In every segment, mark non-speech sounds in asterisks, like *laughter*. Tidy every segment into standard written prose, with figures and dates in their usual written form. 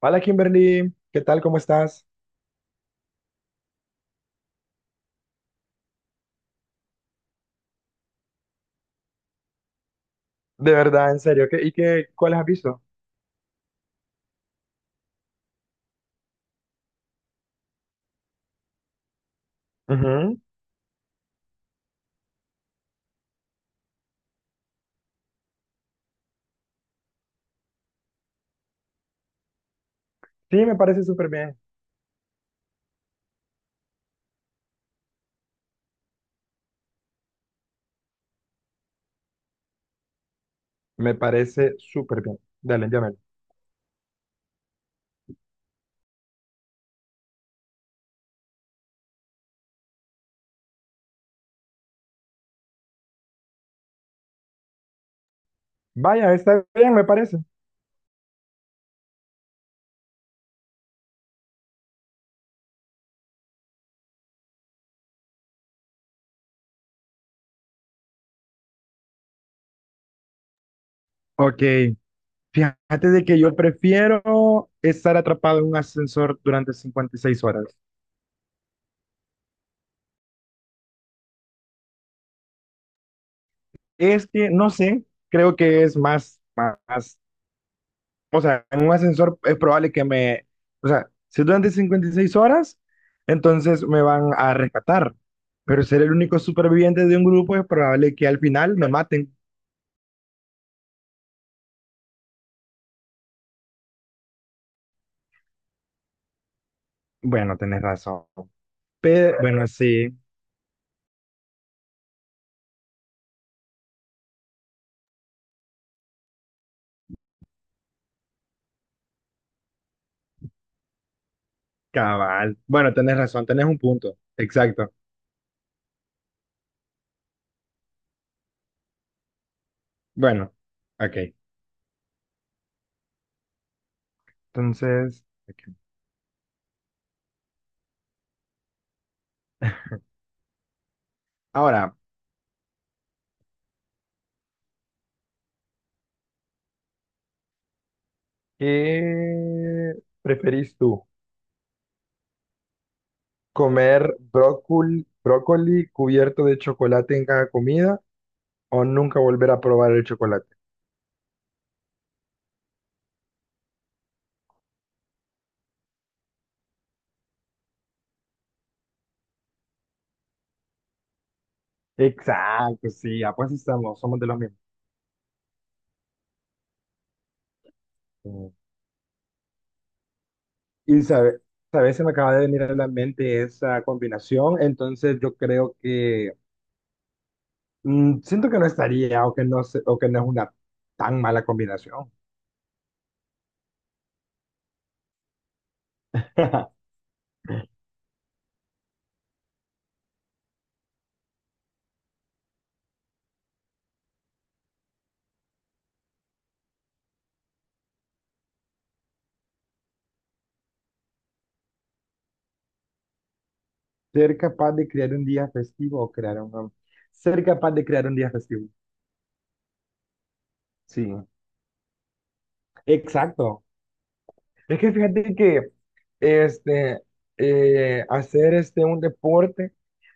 Hola Kimberly, ¿qué tal? ¿Cómo estás? De verdad, en serio, ¿ cuáles has visto? Ujú. Sí, me parece súper bien. Me parece súper bien. Dale, llámalo. Vaya, está bien, me parece. Ok, fíjate de que yo prefiero estar atrapado en un ascensor durante 56 horas. Es que, no sé, creo que es más, o sea, en un ascensor es probable que me, o sea, si es durante 56 horas, entonces me van a rescatar. Pero ser el único superviviente de un grupo es probable que al final me maten. Bueno, tenés razón. Bueno, sí, cabal. Bueno, tenés razón, tenés un punto. Exacto. Bueno, ok. Entonces, ok, ahora, ¿qué preferís tú? ¿Comer brócoli, brócoli cubierto de chocolate en cada comida o nunca volver a probar el chocolate? Exacto, sí, ah, pues estamos, somos de los mismos. Mm. Y sabe, sabes, se me acaba de venir a la mente esa combinación, entonces yo creo que mm, siento que no estaría o que no, se- o que no es una tan mala combinación. *laughs* ¿Ser capaz de crear un día festivo o crear un... Ser capaz de crear un día festivo. Sí, exacto. Es que fíjate que este, un deporte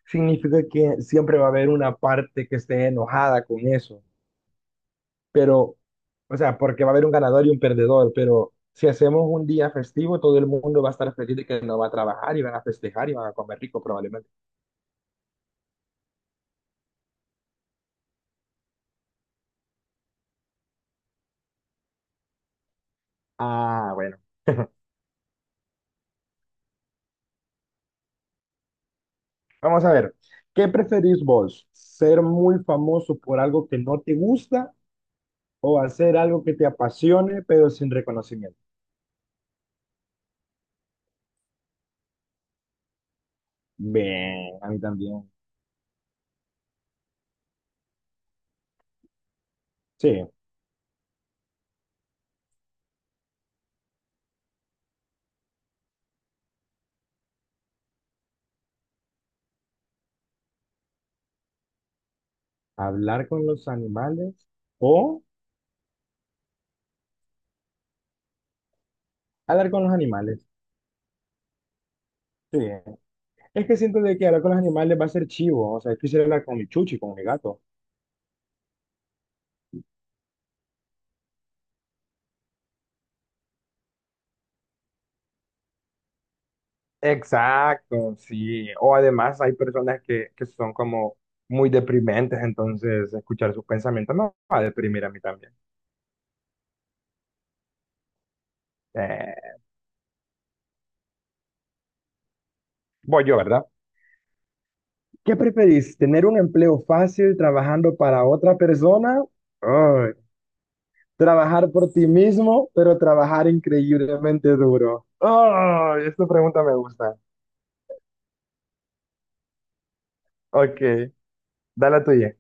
significa que siempre va a haber una parte que esté enojada con eso, pero, o sea, porque va a haber un ganador y un perdedor, pero si hacemos un día festivo, todo el mundo va a estar feliz de que no va a trabajar y van a festejar y van a comer rico probablemente. Ah, bueno, vamos a ver, ¿qué preferís vos? ¿Ser muy famoso por algo que no te gusta o hacer algo que te apasione pero sin reconocimiento? Bien, a mí también. Sí, hablar con los animales o hablar con los animales. Sí, es que siento de que hablar con los animales va a ser chivo. O sea, es quisiera hablar con mi chuchi, con mi gato. Exacto, sí. O además hay personas que son como muy deprimentes, entonces escuchar sus pensamientos me va a deprimir a mí también. Eh, Voy yo, ¿verdad? ¿Qué preferís? ¿Tener un empleo fácil trabajando para otra persona? Ay, ¿trabajar por ti mismo, pero trabajar increíblemente duro? Ay, esta pregunta me gusta. Ok, dale la tuya.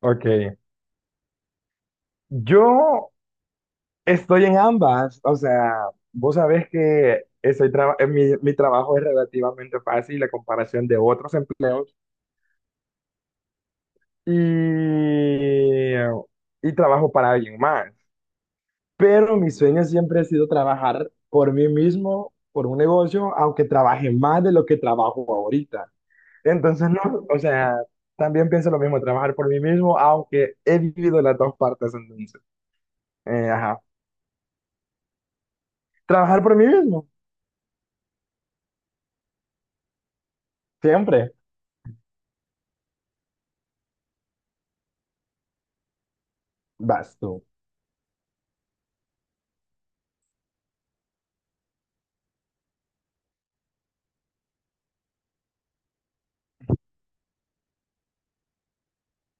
Ok, yo estoy en ambas. O sea, vos sabés que mi trabajo es relativamente fácil a comparación de otros empleos y, y trabajo para alguien más. Pero mi sueño siempre ha sido trabajar por mí mismo, por un negocio, aunque trabaje más de lo que trabajo ahorita. Entonces, no, o sea, también pienso lo mismo, trabajar por mí mismo, aunque he vivido las dos partes entonces. Eh, ajá. Trabajar por mí mismo, siempre. Vas tú.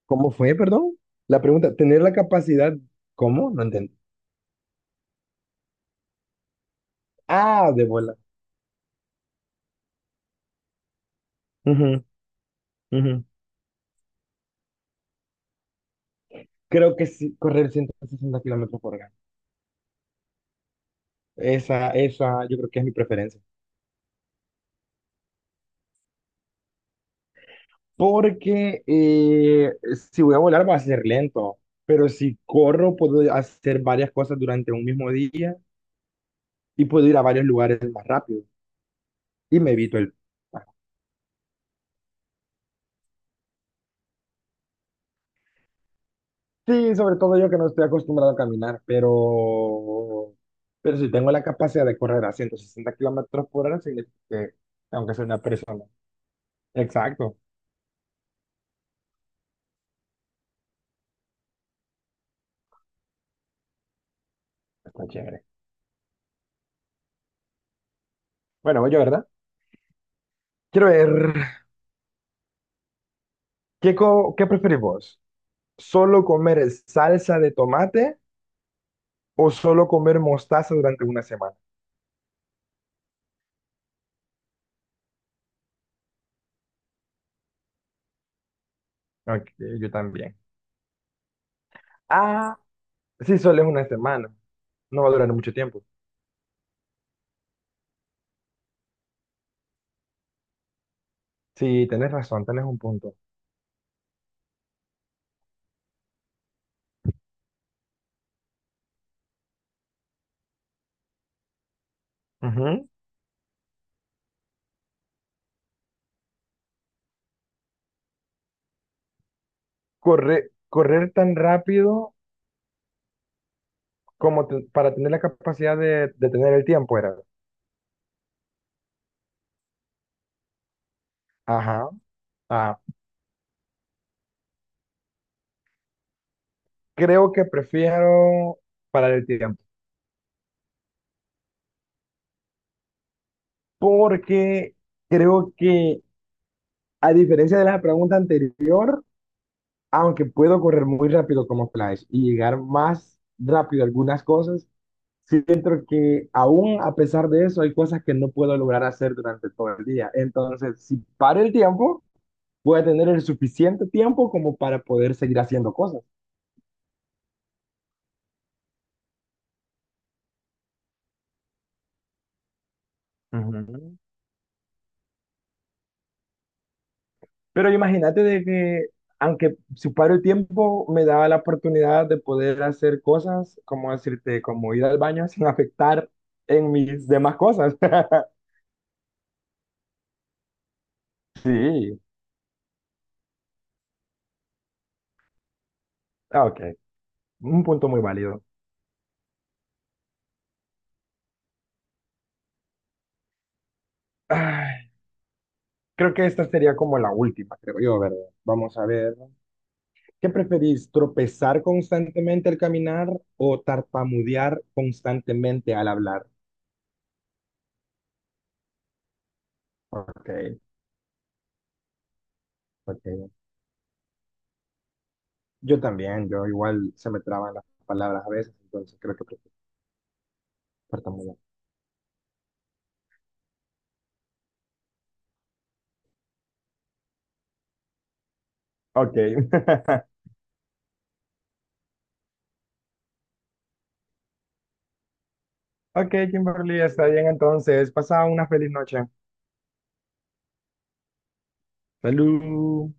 ¿Cómo fue, perdón? La pregunta, tener la capacidad, ¿cómo? No entiendo. Ah, de bola. Ujú, ujú. Creo que sí, correr 160 km/h. Esa, yo creo que es mi preferencia. Porque si voy a volar va a ser lento, pero si corro puedo hacer varias cosas durante un mismo día y puedo ir a varios lugares más rápido y me evito el... Sí, sobre todo yo que no estoy acostumbrado a caminar, pero si tengo la capacidad de correr a 160 km/h, significa que aunque soy una persona. Exacto, está chévere. Bueno, voy yo, ¿verdad? Quiero ver, ¿ qué preferís vos? ¿Solo comer salsa de tomate o solo comer mostaza durante una semana? Ok, yo también. Ah, sí, solo es una semana. No va a durar mucho tiempo. Sí, tenés razón, tenés un punto. Ujú. Correr tan rápido como te- para tener la capacidad de tener el tiempo, era. Ajá. Ah, creo que prefiero parar el tiempo. Porque creo que, a diferencia de la pregunta anterior, aunque puedo correr muy rápido como Flash y llegar más rápido a algunas cosas, siento que aún a pesar de eso hay cosas que no puedo lograr hacer durante todo el día. Entonces, si paro el tiempo voy a tener el suficiente tiempo como para poder seguir haciendo cosas. Ujú. Pero imagínate de que, aunque suparo el tiempo, me daba la oportunidad de poder hacer cosas, como decirte, como ir al baño sin afectar en mis demás cosas. *laughs* Sí, ah, ok, un punto muy válido. Ay, creo que esta sería como la última, creo yo, ¿verdad? Vamos a ver. ¿Qué preferís, tropezar constantemente al caminar o tarpamudear constantemente al hablar? Ok. Porque yo también, yo igual se me traban las palabras a veces, entonces creo que tartamudeo. Ok. *laughs* Ok, Kimberly, está bien entonces. Pasa una feliz noche. Salud.